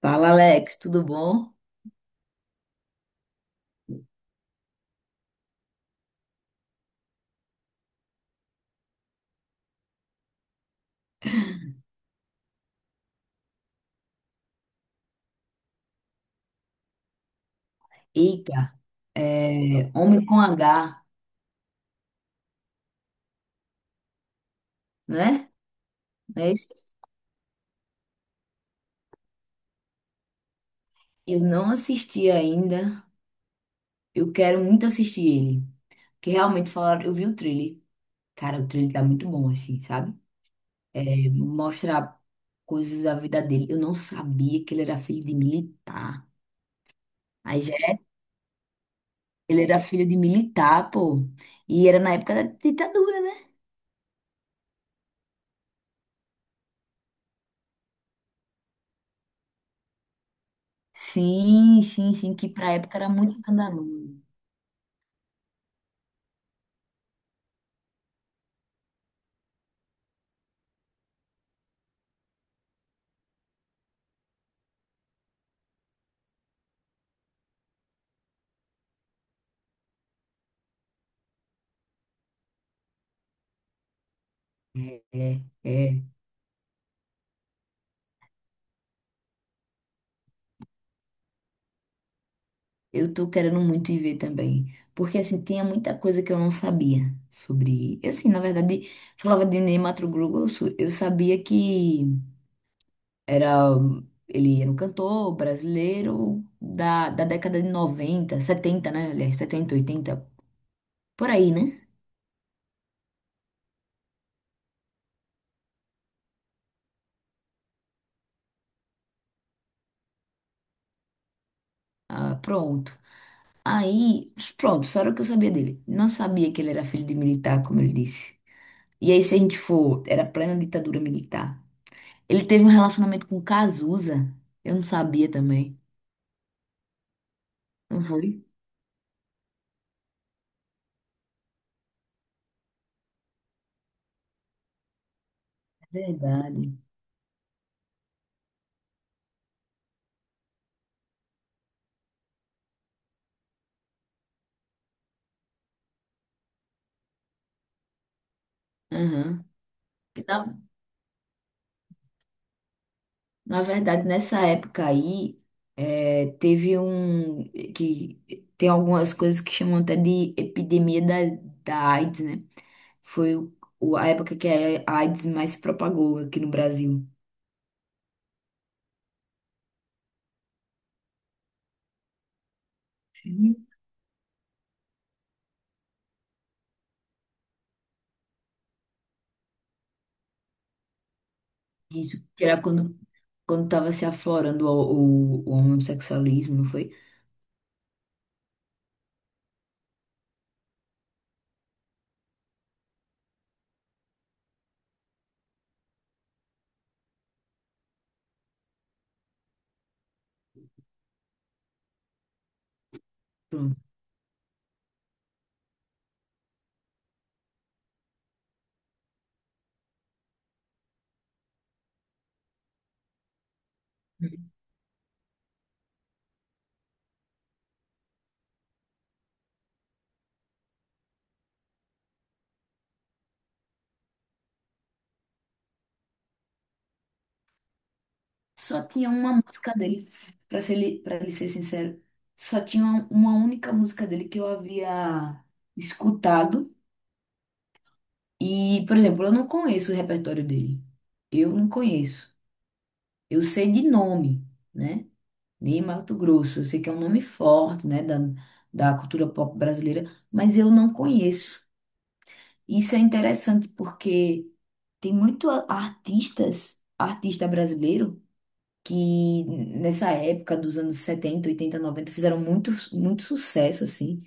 Fala, Alex, tudo bom? Eita, é, Homem com H, né? Não é isso? Eu não assisti ainda. Eu quero muito assistir ele. Que realmente falaram, eu vi o trailer. Cara, o trailer tá muito bom, assim, sabe? É, mostra coisas da vida dele. Eu não sabia que ele era filho de militar. Aí já ele era filho de militar, pô. E era na época da ditadura, né? Sim, sim, sim, que pra época era muito escandaloso. É, é. Eu tô querendo muito ir ver também, porque assim, tinha muita coisa que eu não sabia sobre. Eu assim, na verdade, falava de Ney Matogrosso. Eu, eu sabia que era, ele era um cantor brasileiro da década de 90, 70, né, aliás, 70, 80, por aí, né? Ah, pronto. Aí, pronto, só era o que eu sabia dele. Não sabia que ele era filho de militar, como ele disse. E aí, se a gente for, era plena ditadura militar. Ele teve um relacionamento com Cazuza. Eu não sabia também. Não foi? Verdade. Aham. Que Na, na verdade, nessa época aí, é, teve um. Que tem algumas coisas que chamam até de epidemia da, da AIDS, né? Foi o, a época que a AIDS mais se propagou aqui no Brasil. Sim. Isso, que era quando, quando tava se aflorando o homossexualismo, não foi? Só tinha uma música dele, pra ser, pra lhe ser sincero. Só tinha uma única música dele que eu havia escutado. E, por exemplo, eu não conheço o repertório dele. Eu não conheço. Eu sei de nome, né? De Mato Grosso. Eu sei que é um nome forte, né? Da, da cultura pop brasileira. Mas eu não conheço. Isso é interessante porque tem muito artistas, artista brasileiro que nessa época dos anos 70, 80, 90 fizeram muito, muito sucesso, assim,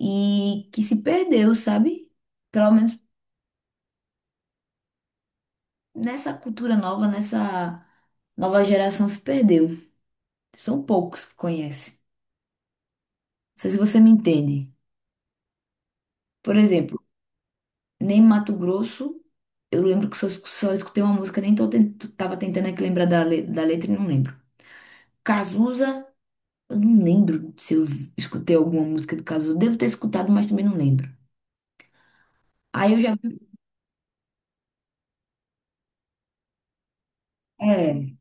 e que se perdeu, sabe? Pelo menos nessa cultura nova, nessa nova geração se perdeu. São poucos que conhecem. Não sei se você me entende. Por exemplo, nem Mato Grosso, eu lembro que só, só escutei uma música, nem tô tava tentando aqui lembrar da, da letra e não lembro. Cazuza, eu não lembro se eu escutei alguma música de Cazuza. Devo ter escutado, mas também não lembro. Aí eu já é,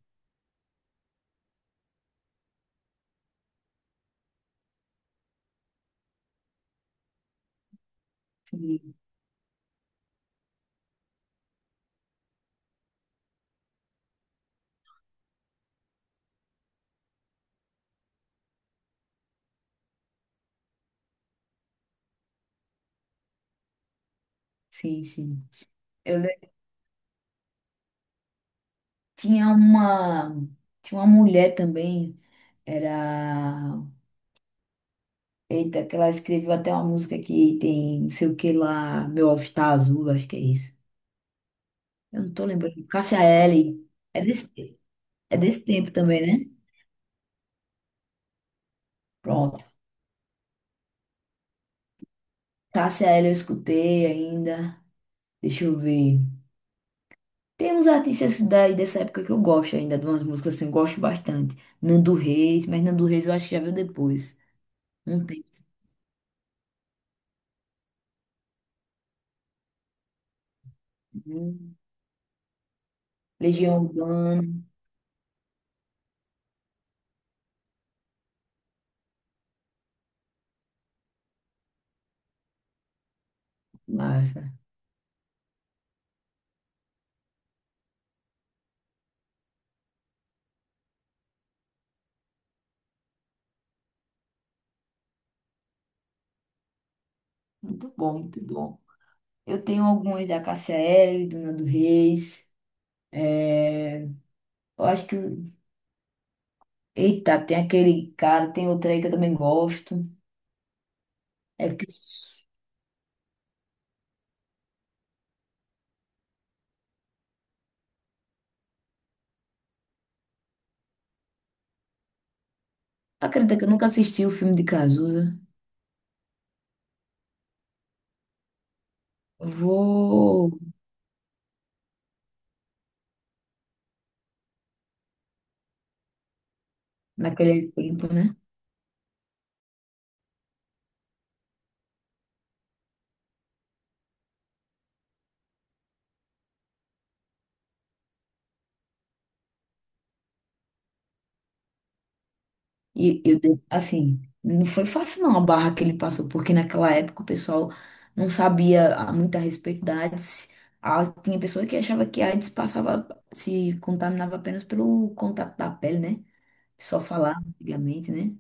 sim, sim, sim. Eu le- Tinha uma, tinha uma mulher também, era, eita, que ela escreveu até uma música que tem não sei o que lá, Meu All Star Azul, acho que é isso. Eu não tô lembrando. Cássia Eller, é desse, é desse tempo também, né? Pronto. Cássia Eller eu escutei ainda, deixa eu ver. Tem uns artistas daí dessa época que eu gosto ainda, de umas músicas assim, eu gosto bastante. Nando Reis, mas Nando Reis eu acho que já veio depois. Não tem. Né? Legião Urbana. Massa. Muito bom, muito bom. Eu tenho algumas da Cássia Eller, Dona do Nando Reis. É, eu acho que. Eita, tem aquele cara, tem outro aí que eu também gosto. É porque. Acredita que eu nunca assisti o filme de Cazuza. Vou. Naquele tempo, né? E eu, de- assim, não foi fácil não a barra que ele passou, porque naquela época o pessoal não sabia muito a respeito da AIDS. Ah, tinha pessoa que achava que a AIDS passava, se contaminava apenas pelo contato da pele, né? O pessoal falava antigamente, né?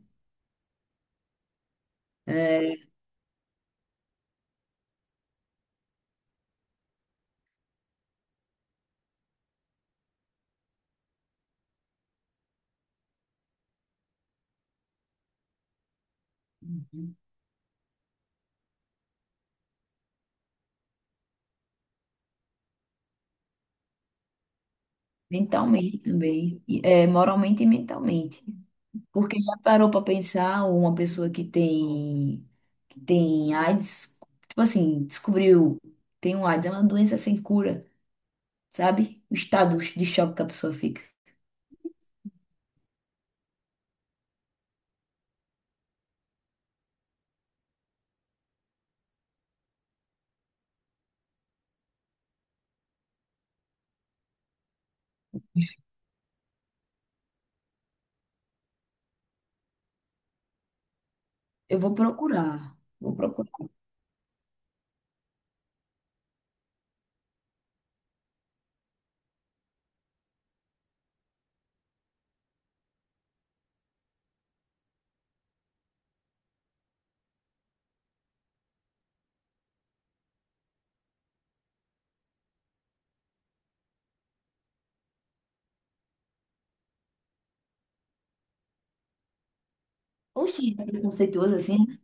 É, uhum. Mentalmente também. E, é, moralmente e mentalmente. Porque já parou para pensar uma pessoa que tem AIDS, tipo assim, descobriu, tem um AIDS, é uma doença sem cura. Sabe? O estado de choque que a pessoa fica. Eu vou procurar, vou procurar. Oxi, é preconceituoso assim? Né?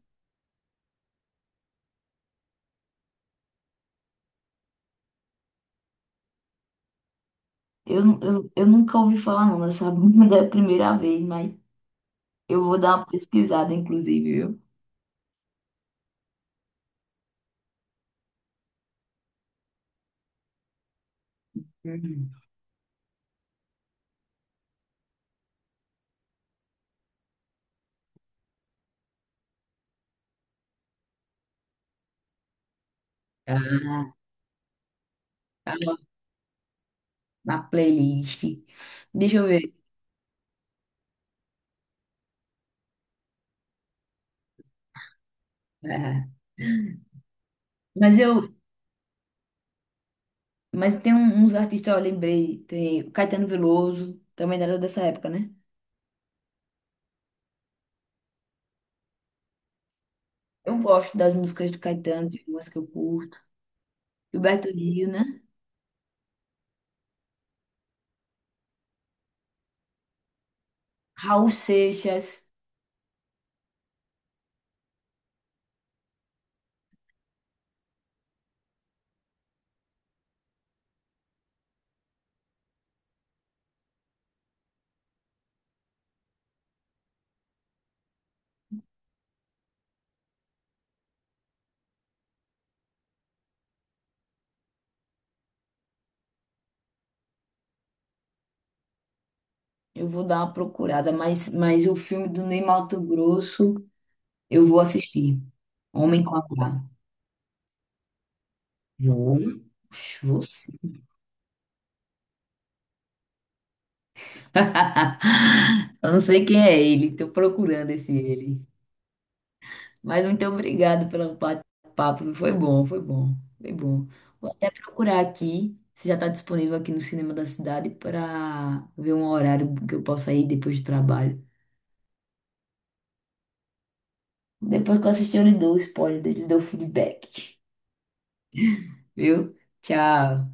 Eu nunca ouvi falar não dessa banda, é a primeira vez, mas eu vou dar uma pesquisada, inclusive, viu? Hum. Ah, tá. Na playlist. Deixa eu ver. Ah, mas eu, mas tem uns artistas, eu lembrei, tem o Caetano Veloso, também era dessa época, né? Eu gosto das músicas do Caetano, tem umas que eu curto. Gilberto Gil, né? Raul Seixas, eu vou dar uma procurada, mas o filme do Ney Matogrosso eu vou assistir. Homem com H. Vou. Oxe, vou sim. Eu não sei quem é ele, estou procurando esse ele. Mas muito obrigado pelo papo, foi bom, foi bom, foi bom. Vou até procurar aqui, se já está disponível aqui no cinema da cidade, para ver um horário que eu possa ir depois do trabalho. Depois que eu assistir, eu lhe dou o spoiler, eu lhe dou o feedback. Viu? Tchau.